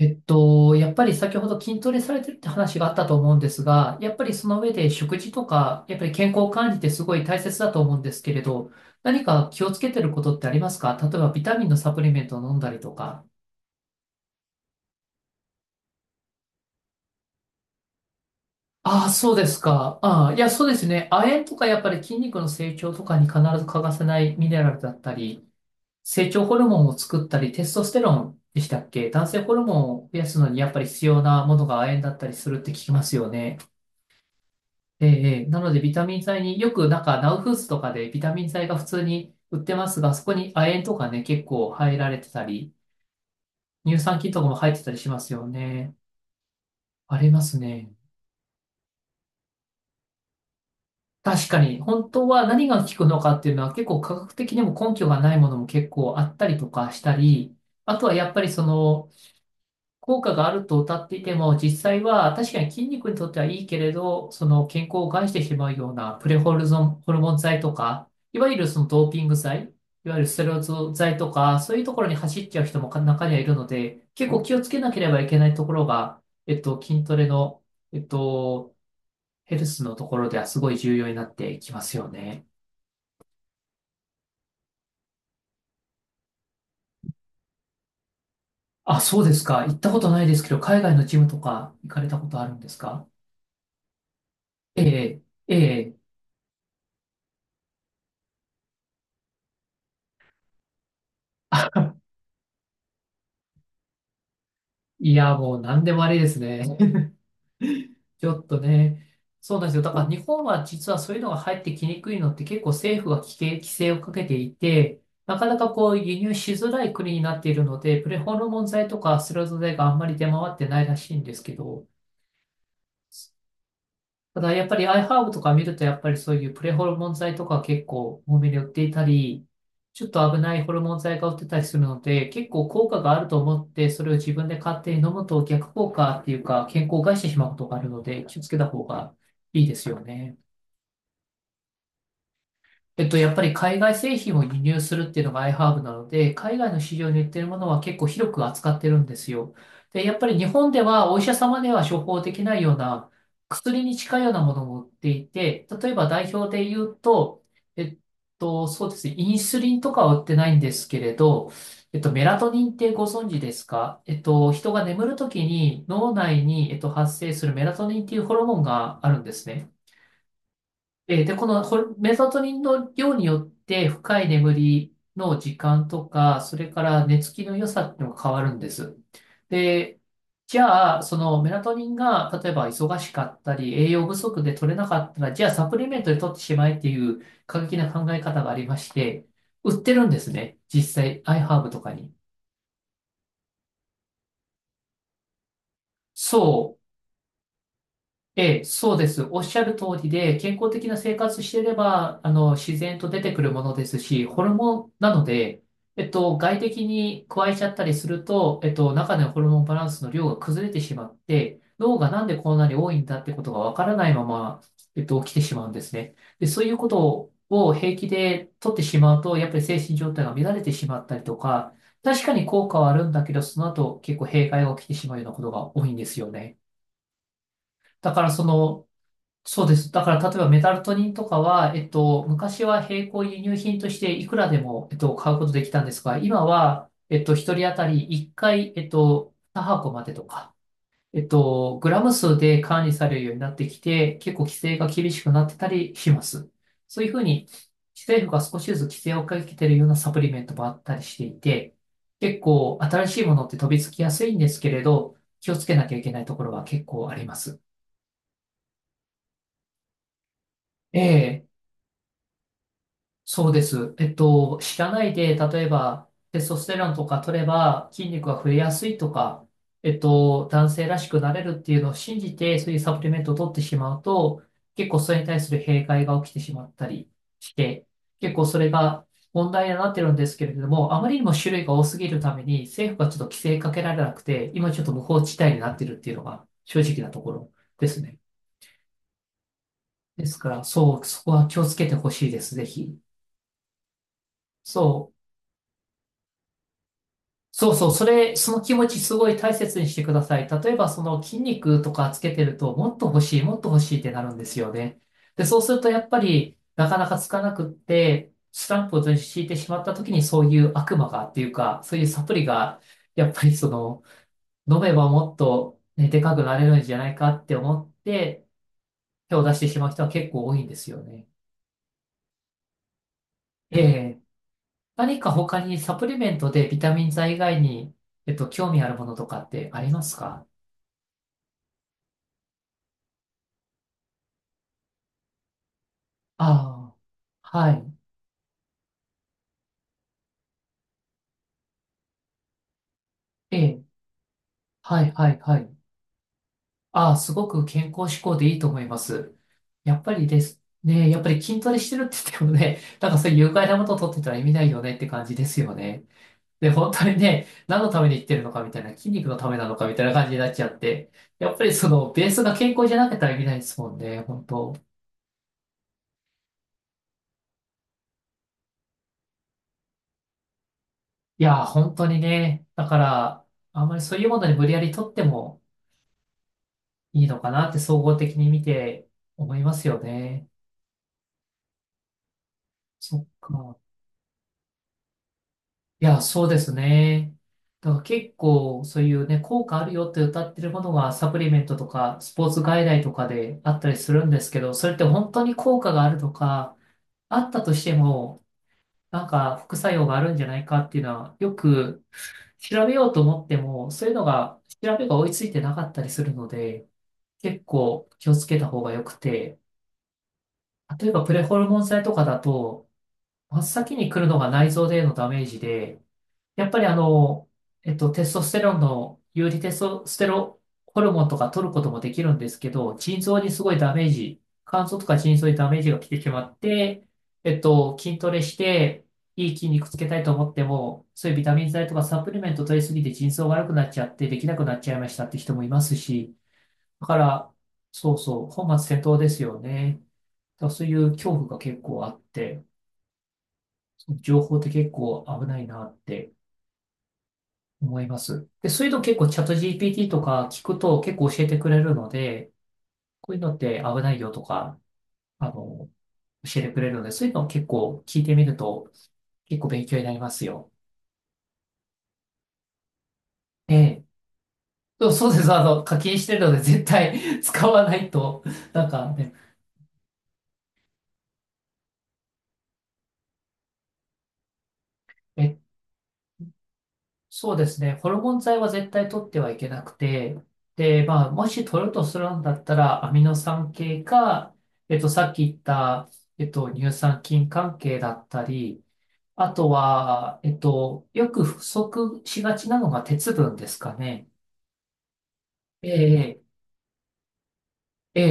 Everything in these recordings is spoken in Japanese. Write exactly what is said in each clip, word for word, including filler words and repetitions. えっと、やっぱり先ほど筋トレされてるって話があったと思うんですが、やっぱりその上で食事とか、やっぱり健康管理ってすごい大切だと思うんですけれど、何か気をつけてることってありますか？例えばビタミンのサプリメントを飲んだりとか。ああ、そうですか。ああ、いや、そうですね。亜鉛とかやっぱり筋肉の成長とかに必ず欠かせないミネラルだったり、成長ホルモンを作ったり、テストステロンでしたっけ？男性ホルモンを増やすのにやっぱり必要なものが亜鉛だったりするって聞きますよね。ええ、ええなのでビタミン剤によくなんかナウフーズとかでビタミン剤が普通に売ってますが、そこに亜鉛とかね、結構入られてたり、乳酸菌とかも入ってたりしますよね。ありますね。確かに、本当は何が効くのかっていうのは結構科学的にも根拠がないものも結構あったりとかしたり、あとはやっぱりその効果があると謳っていても、実際は確かに筋肉にとってはいいけれど、その健康を害してしまうようなプレホルゾン、ホルモン剤とか、いわゆるそのドーピング剤、いわゆるステロイド剤とか、そういうところに走っちゃう人も中にはいるので、結構気をつけなければいけないところが、えっと、筋トレの、えっと、ヘルスのところではすごい重要になってきますよね。あ、そうですか。行ったことないですけど、海外のジムとか行かれたことあるんですか？ええ、ええ。いや、もう何でもありですね。ちょっとね。そうなんですよ。だから日本は実はそういうのが入ってきにくいのって結構政府が規制、規制をかけていて、なかなかこう輸入しづらい国になっているので、プレホルモン剤とかスレゾ剤があんまり出回ってないらしいんですけど、ただやっぱり iHerb とか見るとやっぱりそういうプレホルモン剤とか結構多めに売っていたり、ちょっと危ないホルモン剤が売ってたりするので、結構効果があると思ってそれを自分で勝手に飲むと逆効果っていうか健康を害してしまうことがあるので気をつけた方がいいですよね。えっと、やっぱり海外製品を輸入するっていうのが iHerb なので、海外の市場に売ってるものは結構広く扱ってるんですよ。で、やっぱり日本ではお医者様では処方できないような薬に近いようなものも売っていて、例えば代表で言うと、えっと、そうですね、インスリンとかは売ってないんですけれど、えっと、メラトニンってご存知ですか？えっと、人が眠るときに脳内に、えっと、発生するメラトニンっていうホルモンがあるんですね。えーで、このホルメラトニンの量によって深い眠りの時間とか、それから寝つきの良さっていうのが変わるんです。で、じゃあ、そのメラトニンが例えば忙しかったり、栄養不足で取れなかったら、じゃあサプリメントで取ってしまえっていう過激な考え方がありまして、売ってるんですね。実際、iHerb とかに。そう。ええ、そうです。おっしゃる通りで、健康的な生活していれば、あの、自然と出てくるものですし、ホルモンなので、えっと、外的に加えちゃったりすると、えっと、中でのホルモンバランスの量が崩れてしまって、脳がなんでこんなに多いんだってことがわからないまま、えっと、起きてしまうんですね。で、そういうことを平気で取ってしまうと、やっぱり精神状態が乱れてしまったりとか、確かに効果はあるんだけど、その後結構弊害が起きてしまうようなことが多いんですよね。だからその、そうです。だから、例えばメタルトニンとかは、えっと、昔は並行輸入品としていくらでも、えっと、買うことできたんですが、今は、えっと、一人当たりいっかい、えっと、にはこ箱までとか、えっと、グラム数で管理されるようになってきて、結構規制が厳しくなってたりします。そういうふうに、政府が少しずつ規制をかけてるようなサプリメントもあったりしていて、結構新しいものって飛びつきやすいんですけれど、気をつけなきゃいけないところは結構あります。ええ、そうです。えっと、知らないで、例えば、テストステロンとか取れば筋肉が増えやすいとか、えっと、男性らしくなれるっていうのを信じて、そういうサプリメントを取ってしまうと、結構それに対する弊害が起きてしまったりして、結構それが問題になってるんですけれども、あまりにも種類が多すぎるために、政府がちょっと規制かけられなくて、今ちょっと無法地帯になってるっていうのが正直なところですね。ですから、そう、そこは気をつけてほしいです、ぜひ。そう。そうそう、それ、その気持ちすごい大切にしてください。例えば、その筋肉とかつけてると、もっと欲しい、もっと欲しいってなるんですよね。で、そうすると、やっぱり、なかなかつかなくって、スランプを敷いてしまった時に、そういう悪魔がっていうか、そういうサプリが、やっぱりその、飲めばもっと、ね、でかくなれるんじゃないかって思って、手を出してしまう人は結構多いんですよね。ええ、何か他にサプリメントでビタミン剤以外に、えっと、興味あるものとかってありますか？ああ、はい。ええ、はい、はい、はい。ああ、すごく健康志向でいいと思います。やっぱりですね。やっぱり筋トレしてるって言ってもね、なんかそういう有害なものを取ってたら意味ないよねって感じですよね。で、本当にね、何のために言ってるのかみたいな、筋肉のためなのかみたいな感じになっちゃって、やっぱりそのベースが健康じゃなけたら意味ないですもんね、本当。いや、本当にね、だから、あんまりそういうものに無理やり取ってもいいのかなって総合的に見て思いますよね。そっか。いや、そうですね。だから結構そういうね、効果あるよって歌ってるものがサプリメントとかスポーツ外来とかであったりするんですけど、それって本当に効果があるとか、あったとしても、なんか副作用があるんじゃないかっていうのは、よく調べようと思っても、そういうのが、調べが追いついてなかったりするので、結構気をつけた方が良くて、例えばプレホルモン剤とかだと、真っ先に来るのが内臓でのダメージで、やっぱりあの、えっと、テストステロンの、有利テストステロホルモンとか取ることもできるんですけど、腎臓にすごいダメージ、肝臓とか腎臓にダメージが来てしまって、えっと、筋トレして、いい筋肉つけたいと思っても、そういうビタミン剤とかサプリメント取りすぎて腎臓悪くなっちゃって、できなくなっちゃいましたって人もいますし、だから、そうそう、本末転倒ですよね。だからそういう恐怖が結構あって、情報って結構危ないなって。思います。で、そういうの結構チャット ジーピーティー とか聞くと結構教えてくれるので、こういうのって危ないよとか、あの、教えてくれるので、そういうのを結構聞いてみると結構勉強になりますよ。ええ。そうそうです。あの、課金してるので絶対 使わないと、なんかね、え、そうですね。ホルモン剤は絶対取ってはいけなくて、で、まあ、もし取るとするんだったら、アミノ酸系か、えっと、さっき言った、えっと、乳酸菌関係だったり、あとは、えっと、よく不足しがちなのが鉄分ですかね。ええ、ええ、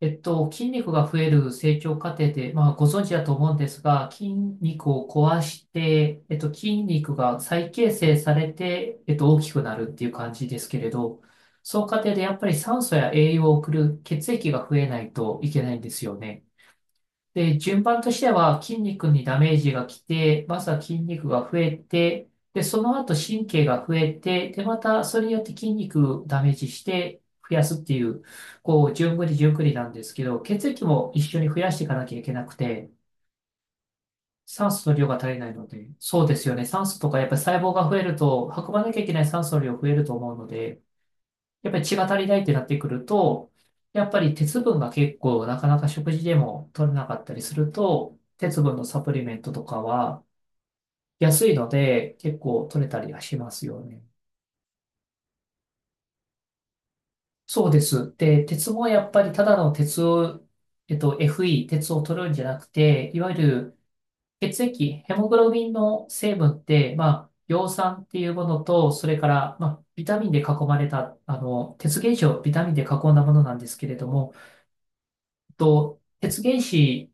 ええ、えっと、筋肉が増える成長過程で、まあ、ご存知だと思うんですが、筋肉を壊して、えっと、筋肉が再形成されて、えっと、大きくなるっていう感じですけれど、その過程でやっぱり酸素や栄養を送る血液が増えないといけないんですよね。で、順番としては筋肉にダメージが来て、まずは筋肉が増えて、で、その後神経が増えて、で、またそれによって筋肉ダメージして増やすっていう、こう、順繰り順繰りなんですけど、血液も一緒に増やしていかなきゃいけなくて、酸素の量が足りないので、そうですよね。酸素とかやっぱり細胞が増えると、運ばなきゃいけない酸素の量増えると思うので、やっぱり血が足りないってなってくると、やっぱり鉄分が結構なかなか食事でも取れなかったりすると、鉄分のサプリメントとかは安いので結構取れたりはしますよね。そうです。で、鉄もやっぱりただの鉄を、えっと、エフイー、鉄を取るんじゃなくて、いわゆる血液、ヘモグロビンの成分って、まあ、葉酸っていうものと、それから、まあ、ビタミンで囲まれた、あの、鉄原子をビタミンで囲んだものなんですけれども、と、鉄原子、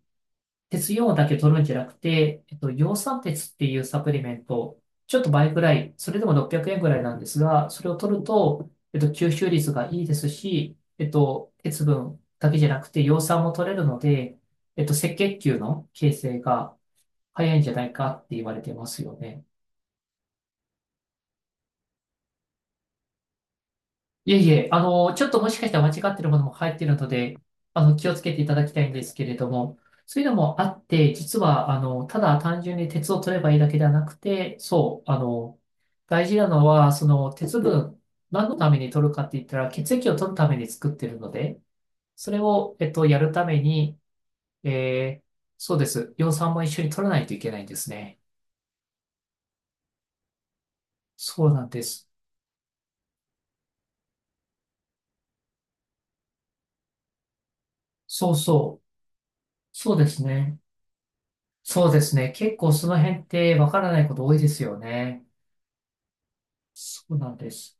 鉄イオンだけ取るんじゃなくて、えっと、葉酸鉄っていうサプリメント、ちょっと倍ぐらい、それでもろっぴゃくえんぐらいなんですが、それを取ると、えっと、吸収率がいいですし、えっと、鉄分だけじゃなくて、葉酸も取れるので、えっと、赤血球の形成が早いんじゃないかって言われてますよね。いえいえ、あの、ちょっともしかしたら間違ってるものも入っているので、あの、気をつけていただきたいんですけれども、そういうのもあって、実は、あの、ただ単純に鉄を取ればいいだけではなくて、そう、あの、大事なのは、その鉄分、何のために取るかって言ったら、血液を取るために作ってるので、それを、えっと、やるために、えーそうです。葉酸も一緒に取らないといけないんですね。そうなんです。そうそう。そうですね。そうですね。結構その辺ってわからないこと多いですよね。そうなんです。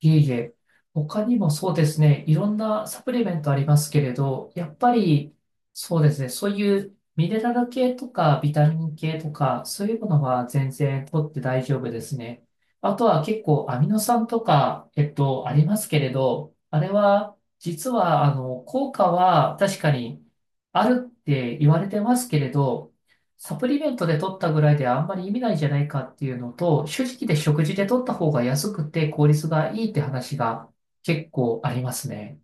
いえいえ。他にもそうですね。いろんなサプリメントありますけれど、やっぱりそうですね。そういうミネラル系とかビタミン系とか、そういうものは全然取って大丈夫ですね。あとは結構アミノ酸とか、えっと、ありますけれど、あれは実はあの効果は確かにあるって言われてますけれど、サプリメントで取ったぐらいではあんまり意味ないじゃないかっていうのと、正直で食事で取った方が安くて効率がいいって話が結構ありますね。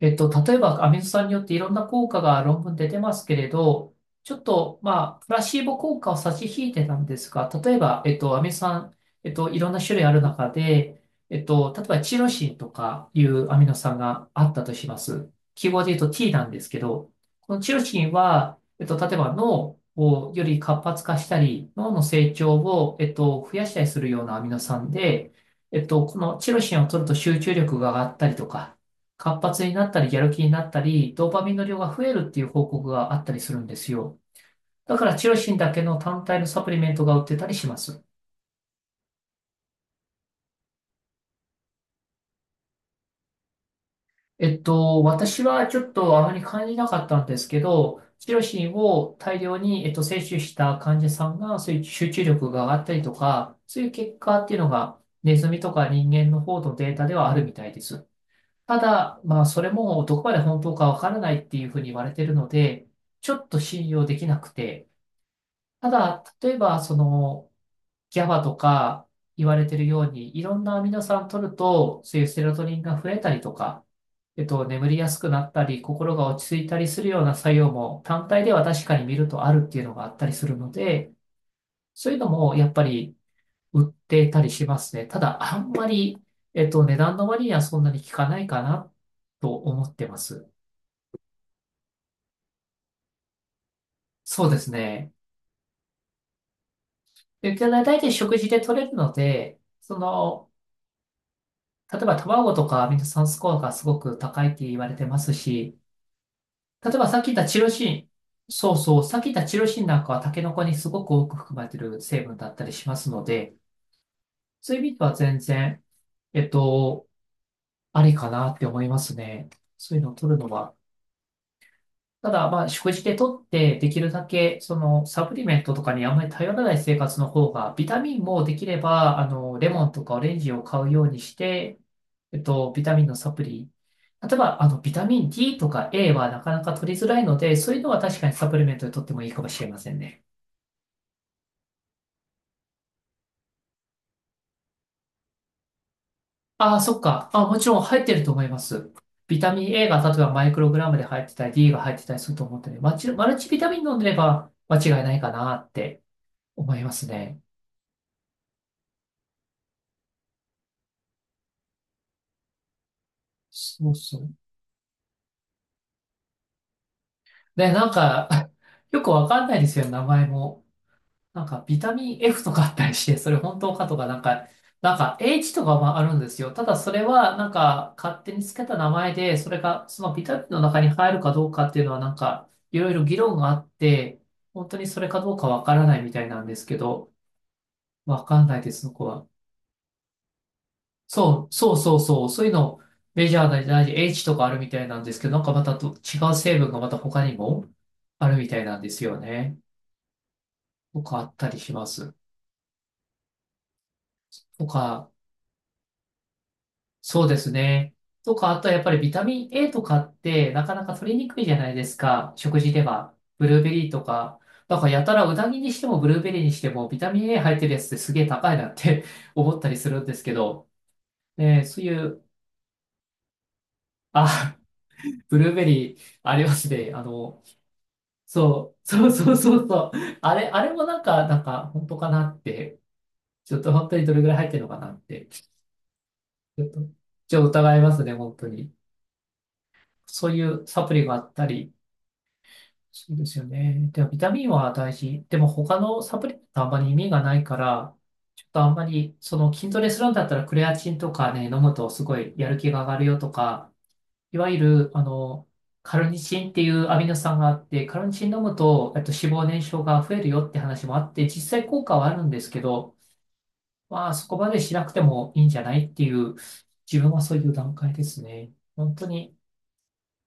えっと、例えば、アミノ酸によっていろんな効果が論文で出てますけれど、ちょっと、まあ、プラシーボ効果を差し引いてたんですが、例えば、えっと、アミノ酸、えっと、いろんな種類ある中で、えっと、例えば、チロシンとかいうアミノ酸があったとします。記号で言うと T なんですけど、このチロシンは、えっと、例えば脳をより活発化したり、脳の成長を、えっと、増やしたりするようなアミノ酸で、えっと、このチロシンを取ると集中力が上がったりとか、活発になったり、やる気になったり、ドーパミンの量が増えるっていう報告があったりするんですよ。だから、チロシンだけの単体のサプリメントが売ってたりします。えっと、私はちょっとあまり感じなかったんですけど、チロシンを大量に、えっと、摂取した患者さんが、そういう集中力が上がったりとか、そういう結果っていうのが、ネズミとか人間の方のデータではあるみたいです。ただ、まあ、それもどこまで本当かわからないっていうふうに言われているので、ちょっと信用できなくて、ただ、例えば、その、ギャバとか言われてるように、いろんなアミノ酸取ると、そういうセロトニンが増えたりとか、えっと、眠りやすくなったり、心が落ち着いたりするような作用も単体では確かに見るとあるっていうのがあったりするので、そういうのもやっぱり売っていたりしますね。ただ、あんまり、えっと、値段の割にはそんなに効かないかなと思ってます。そうですね。で、大体食事で取れるので、その、例えば卵とかミノ酸スコアがすごく高いって言われてますし、例えばさっき言ったチロシン、そうそう、さっき言ったチロシンなんかはタケノコにすごく多く含まれている成分だったりしますので、そういう意味では全然、えっと、ありかなって思いますね。そういうのを取るのは。ただ、まあ、食事でとって、できるだけ、その、サプリメントとかにあんまり頼らない生活の方が、ビタミンもできれば、あの、レモンとかオレンジを買うようにして、えっと、ビタミンのサプリ。例えば、あの、ビタミン D とか A はなかなか取りづらいので、そういうのは確かにサプリメントで取ってもいいかもしれませんね。ああ、そっか。あ、もちろん入ってると思います。ビタミン A が例えばマイクログラムで入ってたり、D が入ってたりすると思ってね、マチマルチビタミン飲んでれば間違いないかなって思いますね。そうそう。ねなんか、よくわかんないですよ、名前も。なんか、ビタミン F とかあったりして、それ本当かとか、なんか、なんか H とかもあるんですよ。ただ、それは、なんか、勝手につけた名前で、それが、そのビタミンの中に入るかどうかっていうのは、なんか、いろいろ議論があって、本当にそれかどうかわからないみたいなんですけど、わかんないです、そこは。そう、そうそうそう、そういうの、メジャーな大事 H とかあるみたいなんですけど、なんかまたと違う成分がまた他にもあるみたいなんですよね。とかあったりします。とか、そうですね。とか、あとはやっぱりビタミン A とかってなかなか取りにくいじゃないですか。食事では。ブルーベリーとか。だからやたらうなぎにしてもブルーベリーにしてもビタミン A 入ってるやつってすげえ高いなって 思ったりするんですけど。ね、そういう、あ、ブルーベリーありますね。あの、そう、そうそうそうそう。あれ、あれもなんか、なんか本当かなって。ちょっと本当にどれぐらい入ってるのかなって。ちょっと、ちょっと疑いますね、本当に。そういうサプリがあったり、そうですよね。でもビタミンは大事。でも他のサプリってあんまり意味がないから、ちょっとあんまり、その筋トレするんだったらクレアチンとかね、飲むとすごいやる気が上がるよとか、いわゆる、あの、カルニチンっていうアミノ酸があって、カルニチン飲むと、えっと、脂肪燃焼が増えるよって話もあって、実際効果はあるんですけど、まあそこまでしなくてもいいんじゃないっていう、自分はそういう段階ですね。本当に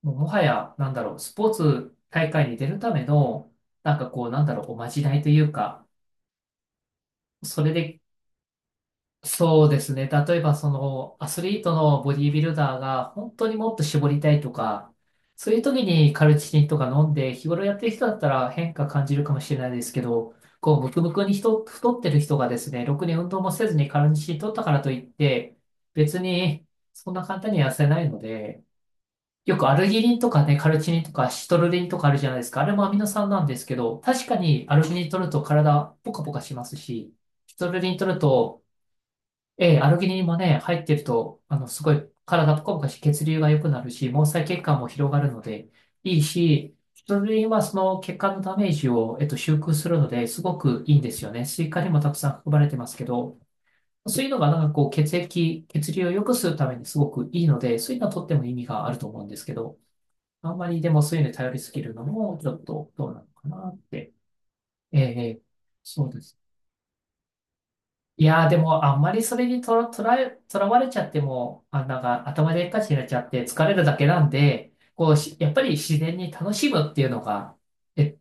もうもはや、なんだろう、スポーツ大会に出るための、なんかこう、なんだろう、おまじないというか、それで、そうですね、例えばその、アスリートのボディービルダーが、本当にもっと絞りたいとか、そういう時にカルチキンとか飲んで、日頃やってる人だったら変化感じるかもしれないですけど、こう、ムクムクに人、太ってる人がですね、ろくに運動もせずにカルチキン取ったからといって、別に、そんな簡単には痩せないので、よくアルギニンとかね、カルチニンとかシトルリンとかあるじゃないですか。あれもアミノ酸なんですけど、確かにアルギニン取ると体ポカポカしますし、シトルリン取ると、ええ、アルギニンもね、入ってると、あの、すごい体ポカポカし、血流が良くなるし、毛細血管も広がるので、いいし、シトルリンはその血管のダメージを、えっと、修復するので、すごくいいんですよね。スイカにもたくさん含まれてますけど、そういうのがなんかこう、血液、血流を良くするためにすごくいいので、そういうのはとっても意味があると思うんですけど、あんまりでもそういうのに頼りすぎるのも、ちょっとどうなのかなって。ええ、そうです。いやー、でも、あんまりそれにとら、とら、とらわれちゃっても、あ、なんか頭でっかちになっちゃって疲れるだけなんで、こうし、やっぱり自然に楽しむっていうのが、え、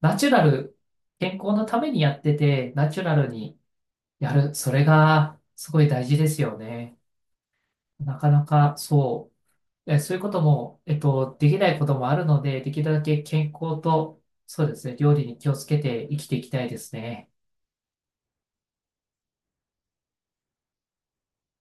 ナチュラル、健康のためにやってて、ナチュラルにやる、それがすごい大事ですよね。なかなかそう。えそういうことも、えっと、できないこともあるので、できるだけ健康と、そうですね、料理に気をつけて生きていきたいですね。